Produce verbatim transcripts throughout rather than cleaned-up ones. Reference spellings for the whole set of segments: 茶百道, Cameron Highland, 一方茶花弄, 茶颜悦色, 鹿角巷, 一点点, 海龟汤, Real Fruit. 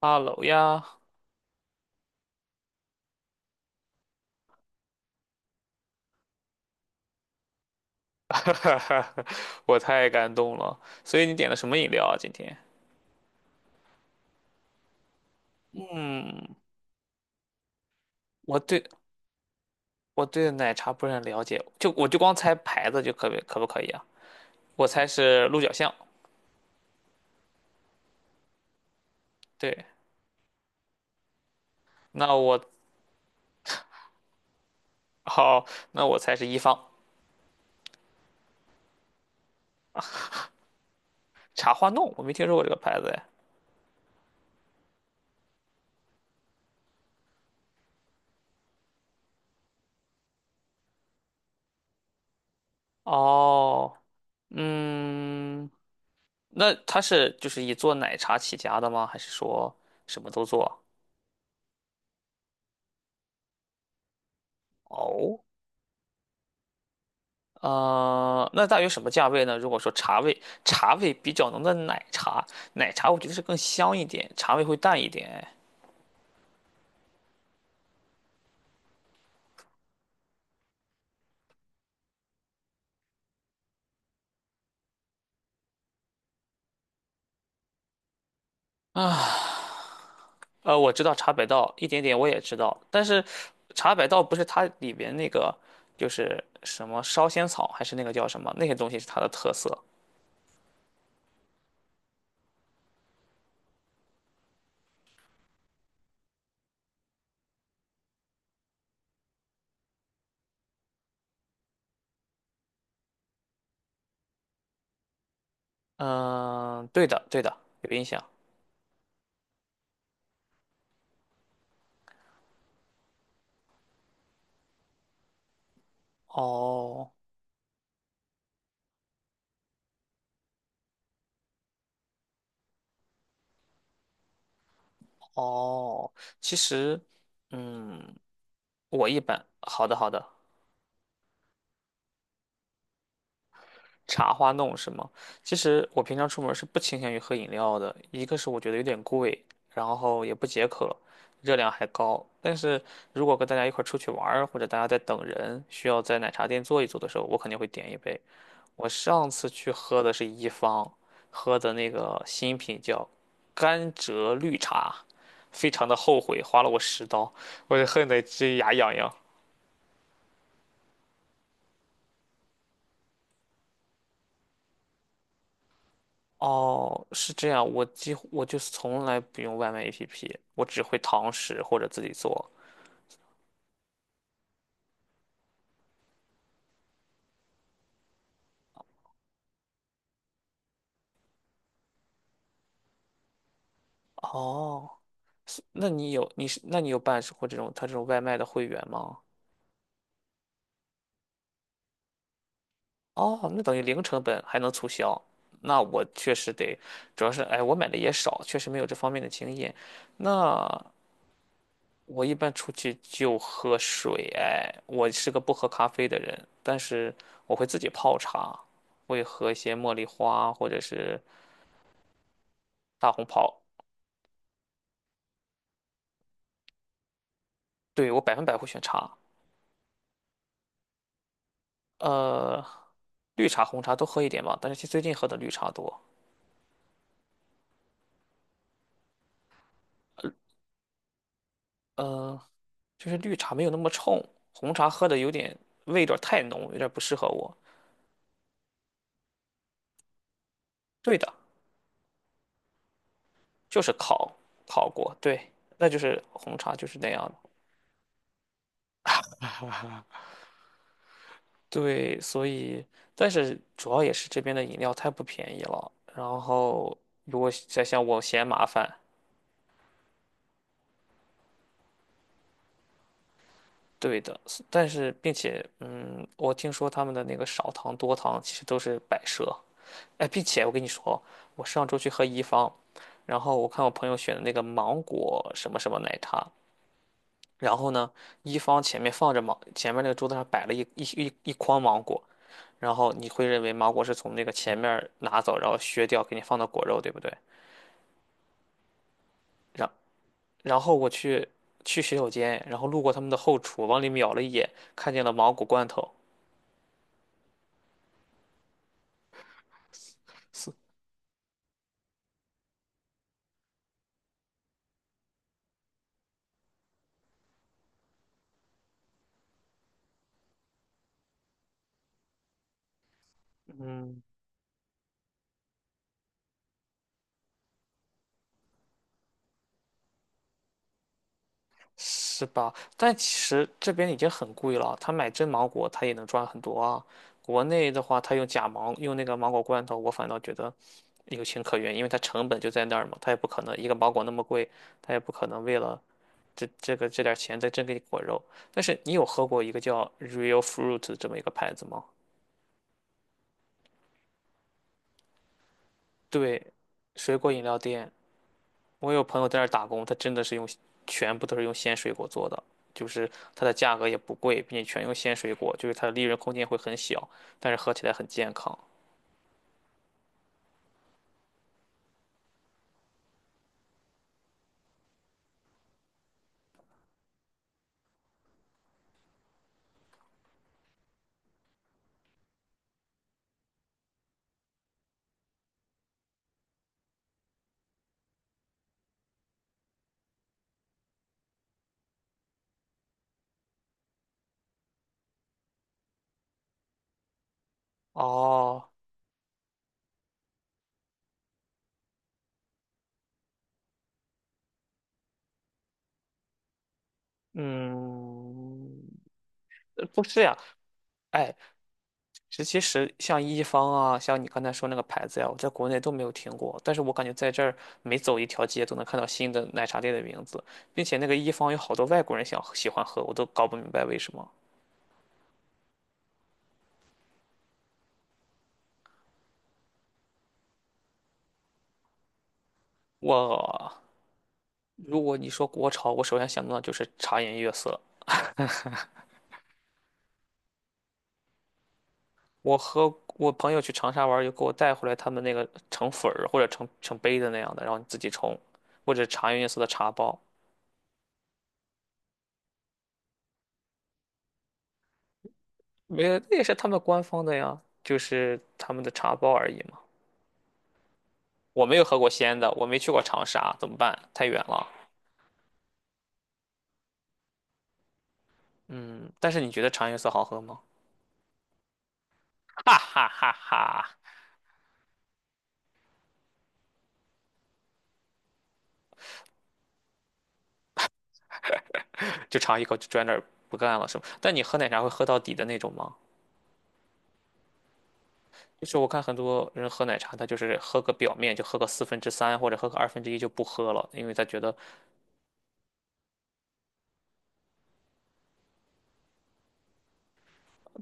哈喽呀，我太感动了。所以你点了什么饮料啊？今天？嗯，我对我对奶茶不是很了解，就我就光猜牌子就可不可不可以啊？我猜是鹿角巷。对，那我好，那我猜是一方。茶花弄，我没听说过这个牌子哎。哦，嗯，那它是就是以做奶茶起家的吗？还是说什么都做？哦，呃，那大约什么价位呢？如果说茶味，茶味比较浓的奶茶，奶茶我觉得是更香一点，茶味会淡一点。呃，我知道茶百道一点点我也知道，但是茶百道不是它里边那个就是什么烧仙草，还是那个叫什么那些东西是它的特色。嗯、对的，对的，有印象。哦哦，其实，嗯，我一般，好的好的。茶花弄是吗？其实我平常出门是不倾向于喝饮料的，一个是我觉得有点贵，然后也不解渴，热量还高。但是如果跟大家一块儿出去玩儿或者大家在等人，需要在奶茶店坐一坐的时候，我肯定会点一杯。我上次去喝的是一方，喝的那个新品叫甘蔗绿茶，非常的后悔，花了我十刀，我就恨得直牙痒痒。哦，是这样，我几乎我就是从来不用外卖 A P P，我只会堂食或者自己做。哦，是那你有你是那你有办过这种他这种外卖的会员吗？哦，那等于零成本还能促销，那我确实得，主要是哎我买的也少，确实没有这方面的经验。那我一般出去就喝水，哎，我是个不喝咖啡的人，但是我会自己泡茶，会喝一些茉莉花或者是大红袍。对，我百分百会选茶，呃，绿茶、红茶都喝一点吧，但是最近喝的绿茶多，呃，就是绿茶没有那么冲，红茶喝的有点味道太浓，有点不适合我。对的，就是烤烤过，对，那就是红茶就是那样的。对，所以但是主要也是这边的饮料太不便宜了，然后如果再像我嫌麻烦，对的，但是并且嗯，我听说他们的那个少糖多糖其实都是摆设。哎，并且我跟你说，我上周去喝一方，然后我看我朋友选的那个芒果什么什么奶茶，然后呢，一方前面放着芒，前面那个桌子上摆了一一一一筐芒果，然后你会认为芒果是从那个前面拿走，然后削掉给你放到果肉，对不对？然然后我去去洗手间，然后路过他们的后厨，往里瞄了一眼，看见了芒果罐头。嗯，是吧？但其实这边已经很贵了，他买真芒果他也能赚很多啊。国内的话，他用假芒，用那个芒果罐头，我反倒觉得有情可原，因为它成本就在那儿嘛，他也不可能一个芒果那么贵，他也不可能为了这这个这点儿钱再真给你果肉。但是你有喝过一个叫 Real Fruit 这么一个牌子吗？对，水果饮料店，我有朋友在那儿打工，他真的是用全部都是用鲜水果做的，就是它的价格也不贵，并且全用鲜水果，就是它的利润空间会很小，但是喝起来很健康。哦，嗯，呃不是呀，哎，这其实像一方啊，像你刚才说那个牌子呀，我在国内都没有听过，但是我感觉在这儿每走一条街都能看到新的奶茶店的名字，并且那个一方有好多外国人想喜欢喝，我都搞不明白为什么。我如果你说国潮，我首先想到的就是茶颜悦色。我和我朋友去长沙玩儿，就给我带回来他们那个成粉儿或者成成杯的那样的，然后你自己冲，或者茶颜悦色的茶包，没有，那也是他们官方的呀，就是他们的茶包而已嘛。我没有喝过鲜的，我没去过长沙，怎么办？太远了。嗯，但是你觉得茶颜悦色好喝吗？哈哈哈哈，就尝一口就转那儿不干了是吗？但你喝奶茶会喝到底的那种吗？就是我看很多人喝奶茶，他就是喝个表面，就喝个四分之三或者喝个二分之一就不喝了，因为他觉得，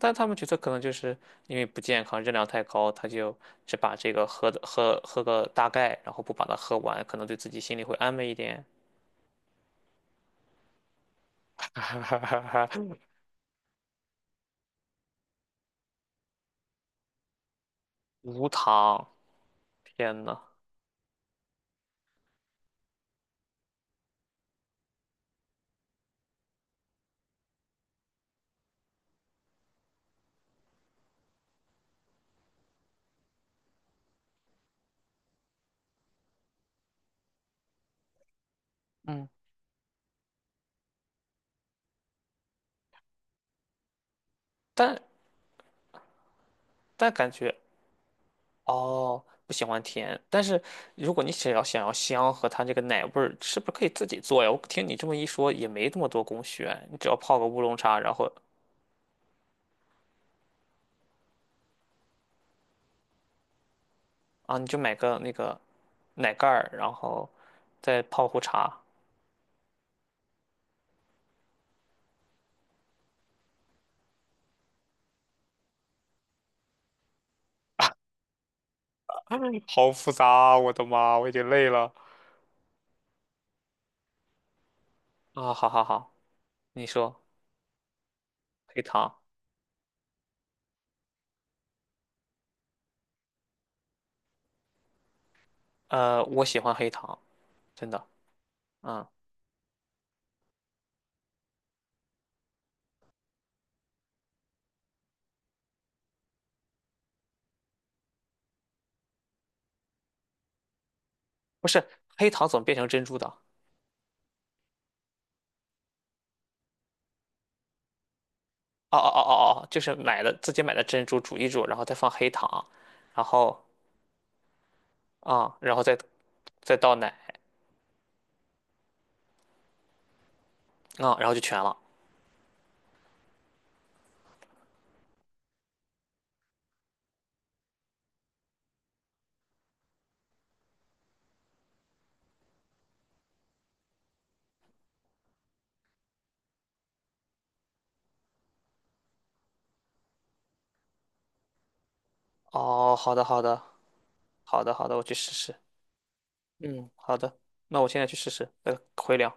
但他们觉得可能就是因为不健康，热量太高，他就只把这个喝的喝喝个大概，然后不把它喝完，可能对自己心里会安慰一点。无糖，天呐，嗯，但但感觉。哦，不喜欢甜，但是如果你想要想要香和它这个奶味儿，是不是可以自己做呀？我听你这么一说，也没那么多工序啊，你只要泡个乌龙茶，然后啊，你就买个那个奶盖儿，然后再泡壶茶。哎好复杂啊我的妈，我已经累了。啊，好好好，你说黑糖，呃，我喜欢黑糖，真的，嗯，不是黑糖怎么变成珍珠的？哦哦哦哦哦，就是买的自己买的珍珠煮一煮，然后再放黑糖，然后啊，然后再再倒奶啊，然后就全了。哦，好的，好的，好的，好的，我去试试。嗯，好的，那我现在去试试，呃，回聊。